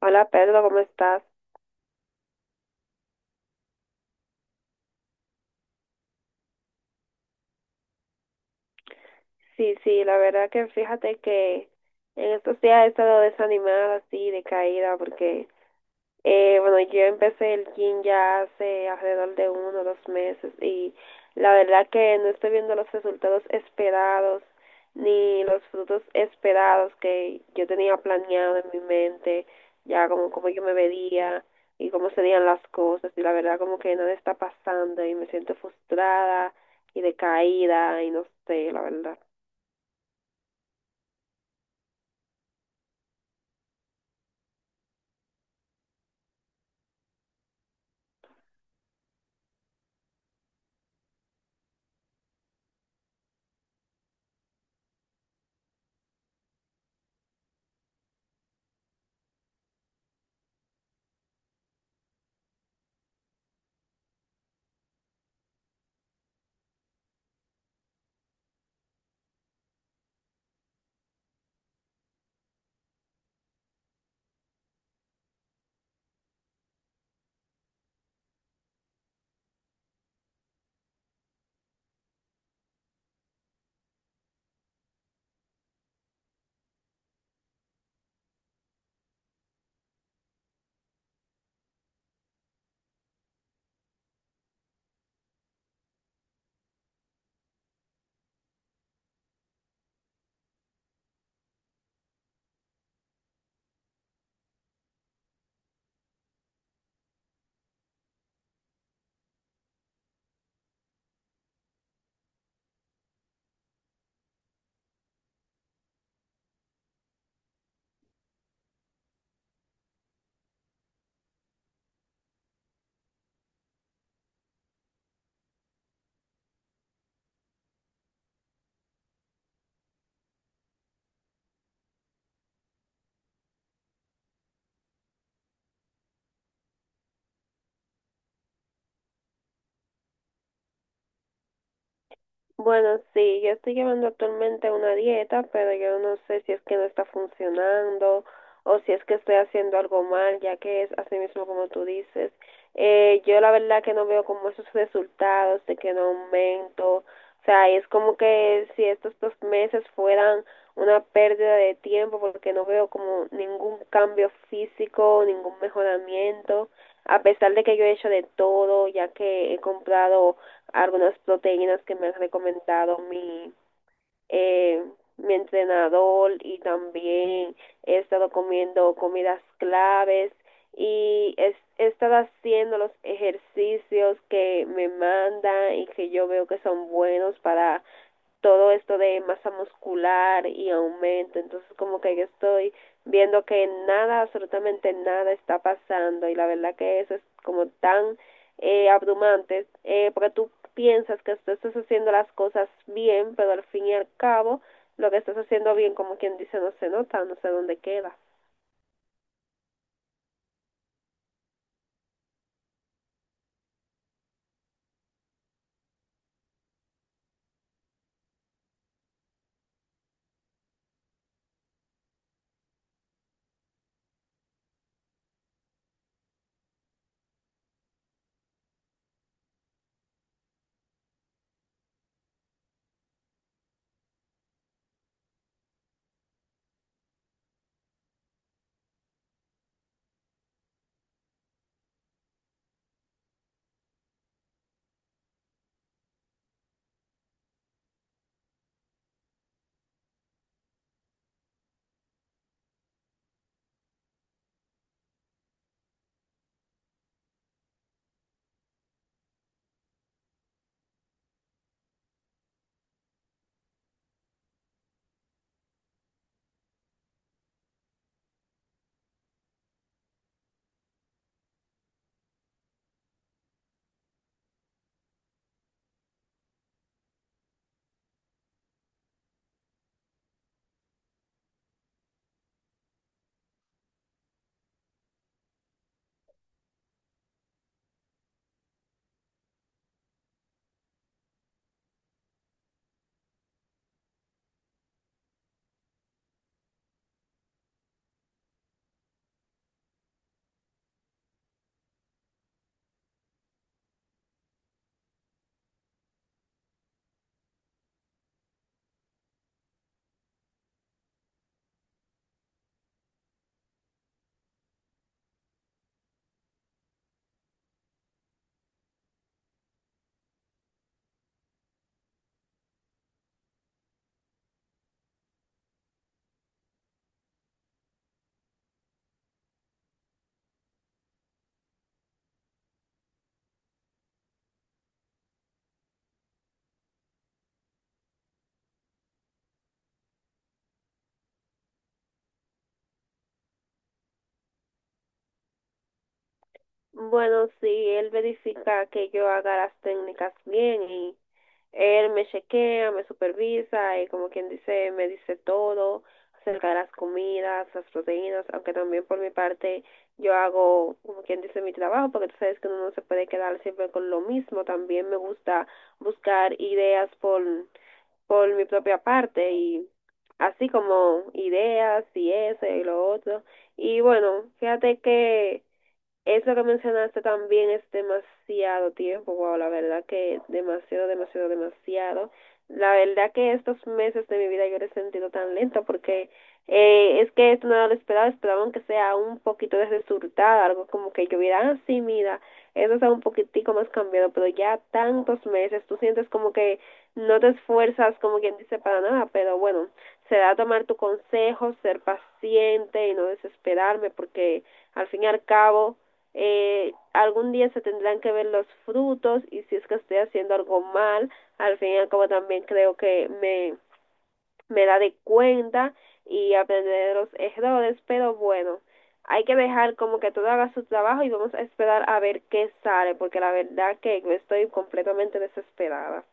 Hola Pedro, ¿cómo estás? Sí, sí, la verdad que fíjate que en estos días he estado desanimada, así, decaída, porque bueno, yo empecé el gym ya hace alrededor de uno o dos meses y la verdad que no estoy viendo los resultados esperados ni los frutos esperados que yo tenía planeado en mi mente, ya como cómo yo me vería y cómo serían las cosas, y la verdad como que nada está pasando y me siento frustrada y decaída y no sé, la verdad. Bueno, sí, yo estoy llevando actualmente una dieta, pero yo no sé si es que no está funcionando o si es que estoy haciendo algo mal, ya que es así mismo como tú dices. Yo la verdad que no veo como esos resultados de que no aumento. O sea, es como que si estos dos meses fueran una pérdida de tiempo porque no veo como ningún cambio físico, ningún mejoramiento, a pesar de que yo he hecho de todo, ya que he comprado algunas proteínas que me ha recomendado eh, mi entrenador, y también he estado comiendo comidas claves y es, he estado haciendo los ejercicios que me mandan y que yo veo que son buenos para todo esto de masa muscular y aumento. Entonces como que yo estoy viendo que nada, absolutamente nada está pasando, y la verdad que eso es como tan abrumante, porque tú piensas que tú estás haciendo las cosas bien, pero al fin y al cabo lo que estás haciendo bien, como quien dice, no se nota, no sé dónde queda. Bueno, sí, él verifica que yo haga las técnicas bien, y él me chequea, me supervisa y, como quien dice, me dice todo acerca de las comidas, las proteínas, aunque también por mi parte yo hago, como quien dice, mi trabajo, porque tú sabes que uno no se puede quedar siempre con lo mismo. También me gusta buscar ideas por mi propia parte, y así como ideas y eso y lo otro. Y bueno, fíjate que eso que mencionaste también es demasiado tiempo. Wow, la verdad que demasiado, demasiado, demasiado. La verdad que estos meses de mi vida yo lo he sentido tan lento porque es que esto no era lo esperado, esperaba aunque sea un poquito de resultado, algo como que yo hubiera, ah, sí, mira, eso está un poquitico más cambiado, pero ya tantos meses, tú sientes como que no te esfuerzas, como quien dice, para nada. Pero bueno, será tomar tu consejo, ser paciente y no desesperarme, porque al fin y al cabo algún día se tendrán que ver los frutos, y si es que estoy haciendo algo mal, al fin y al cabo también creo que me da de cuenta y aprender de los errores. Pero bueno, hay que dejar como que todo haga su trabajo y vamos a esperar a ver qué sale, porque la verdad que estoy completamente desesperada.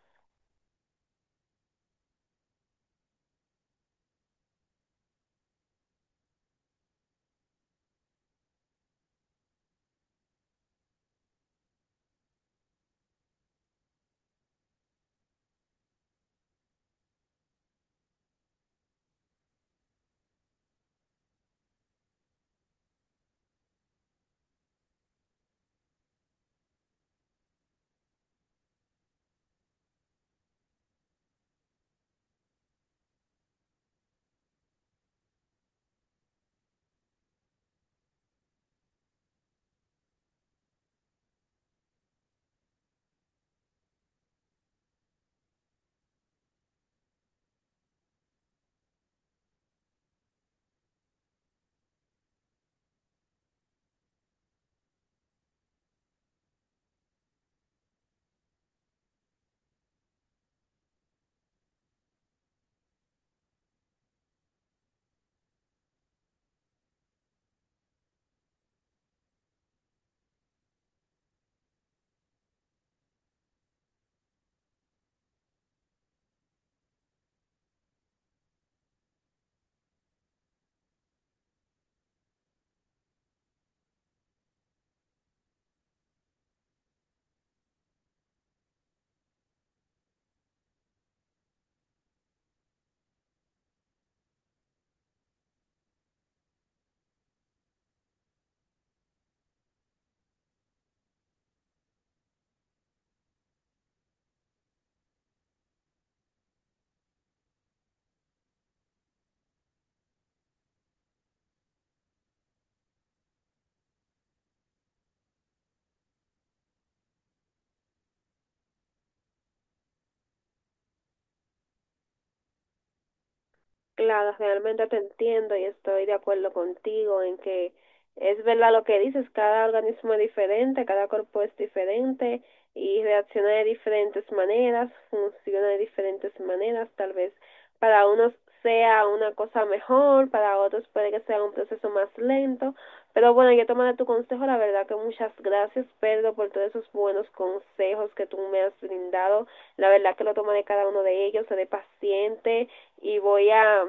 Claro, realmente te entiendo y estoy de acuerdo contigo en que es verdad lo que dices, cada organismo es diferente, cada cuerpo es diferente y reacciona de diferentes maneras, funciona de diferentes maneras. Tal vez para unos sea una cosa mejor, para otros puede que sea un proceso más lento, pero bueno, yo tomaré tu consejo. La verdad que muchas gracias, Pedro, por todos esos buenos consejos que tú me has brindado. La verdad que lo tomaré, cada uno de ellos, seré paciente y voy a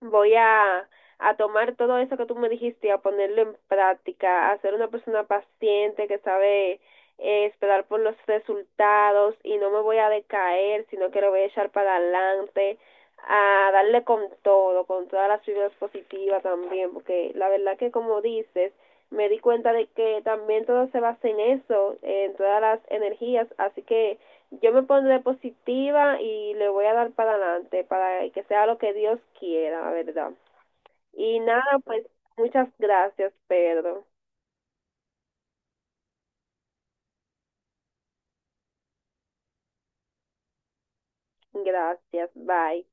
voy a, a tomar todo eso que tú me dijiste y a ponerlo en práctica, a ser una persona paciente que sabe esperar por los resultados, y no me voy a decaer, sino que lo voy a echar para adelante, a darle con todo, con todas las fibras positivas también, porque la verdad que como dices, me di cuenta de que también todo se basa en eso, en todas las energías, así que yo me pondré positiva y le voy a dar para adelante para que sea lo que Dios quiera, la verdad. Y nada, pues muchas gracias, Pedro. Gracias, bye.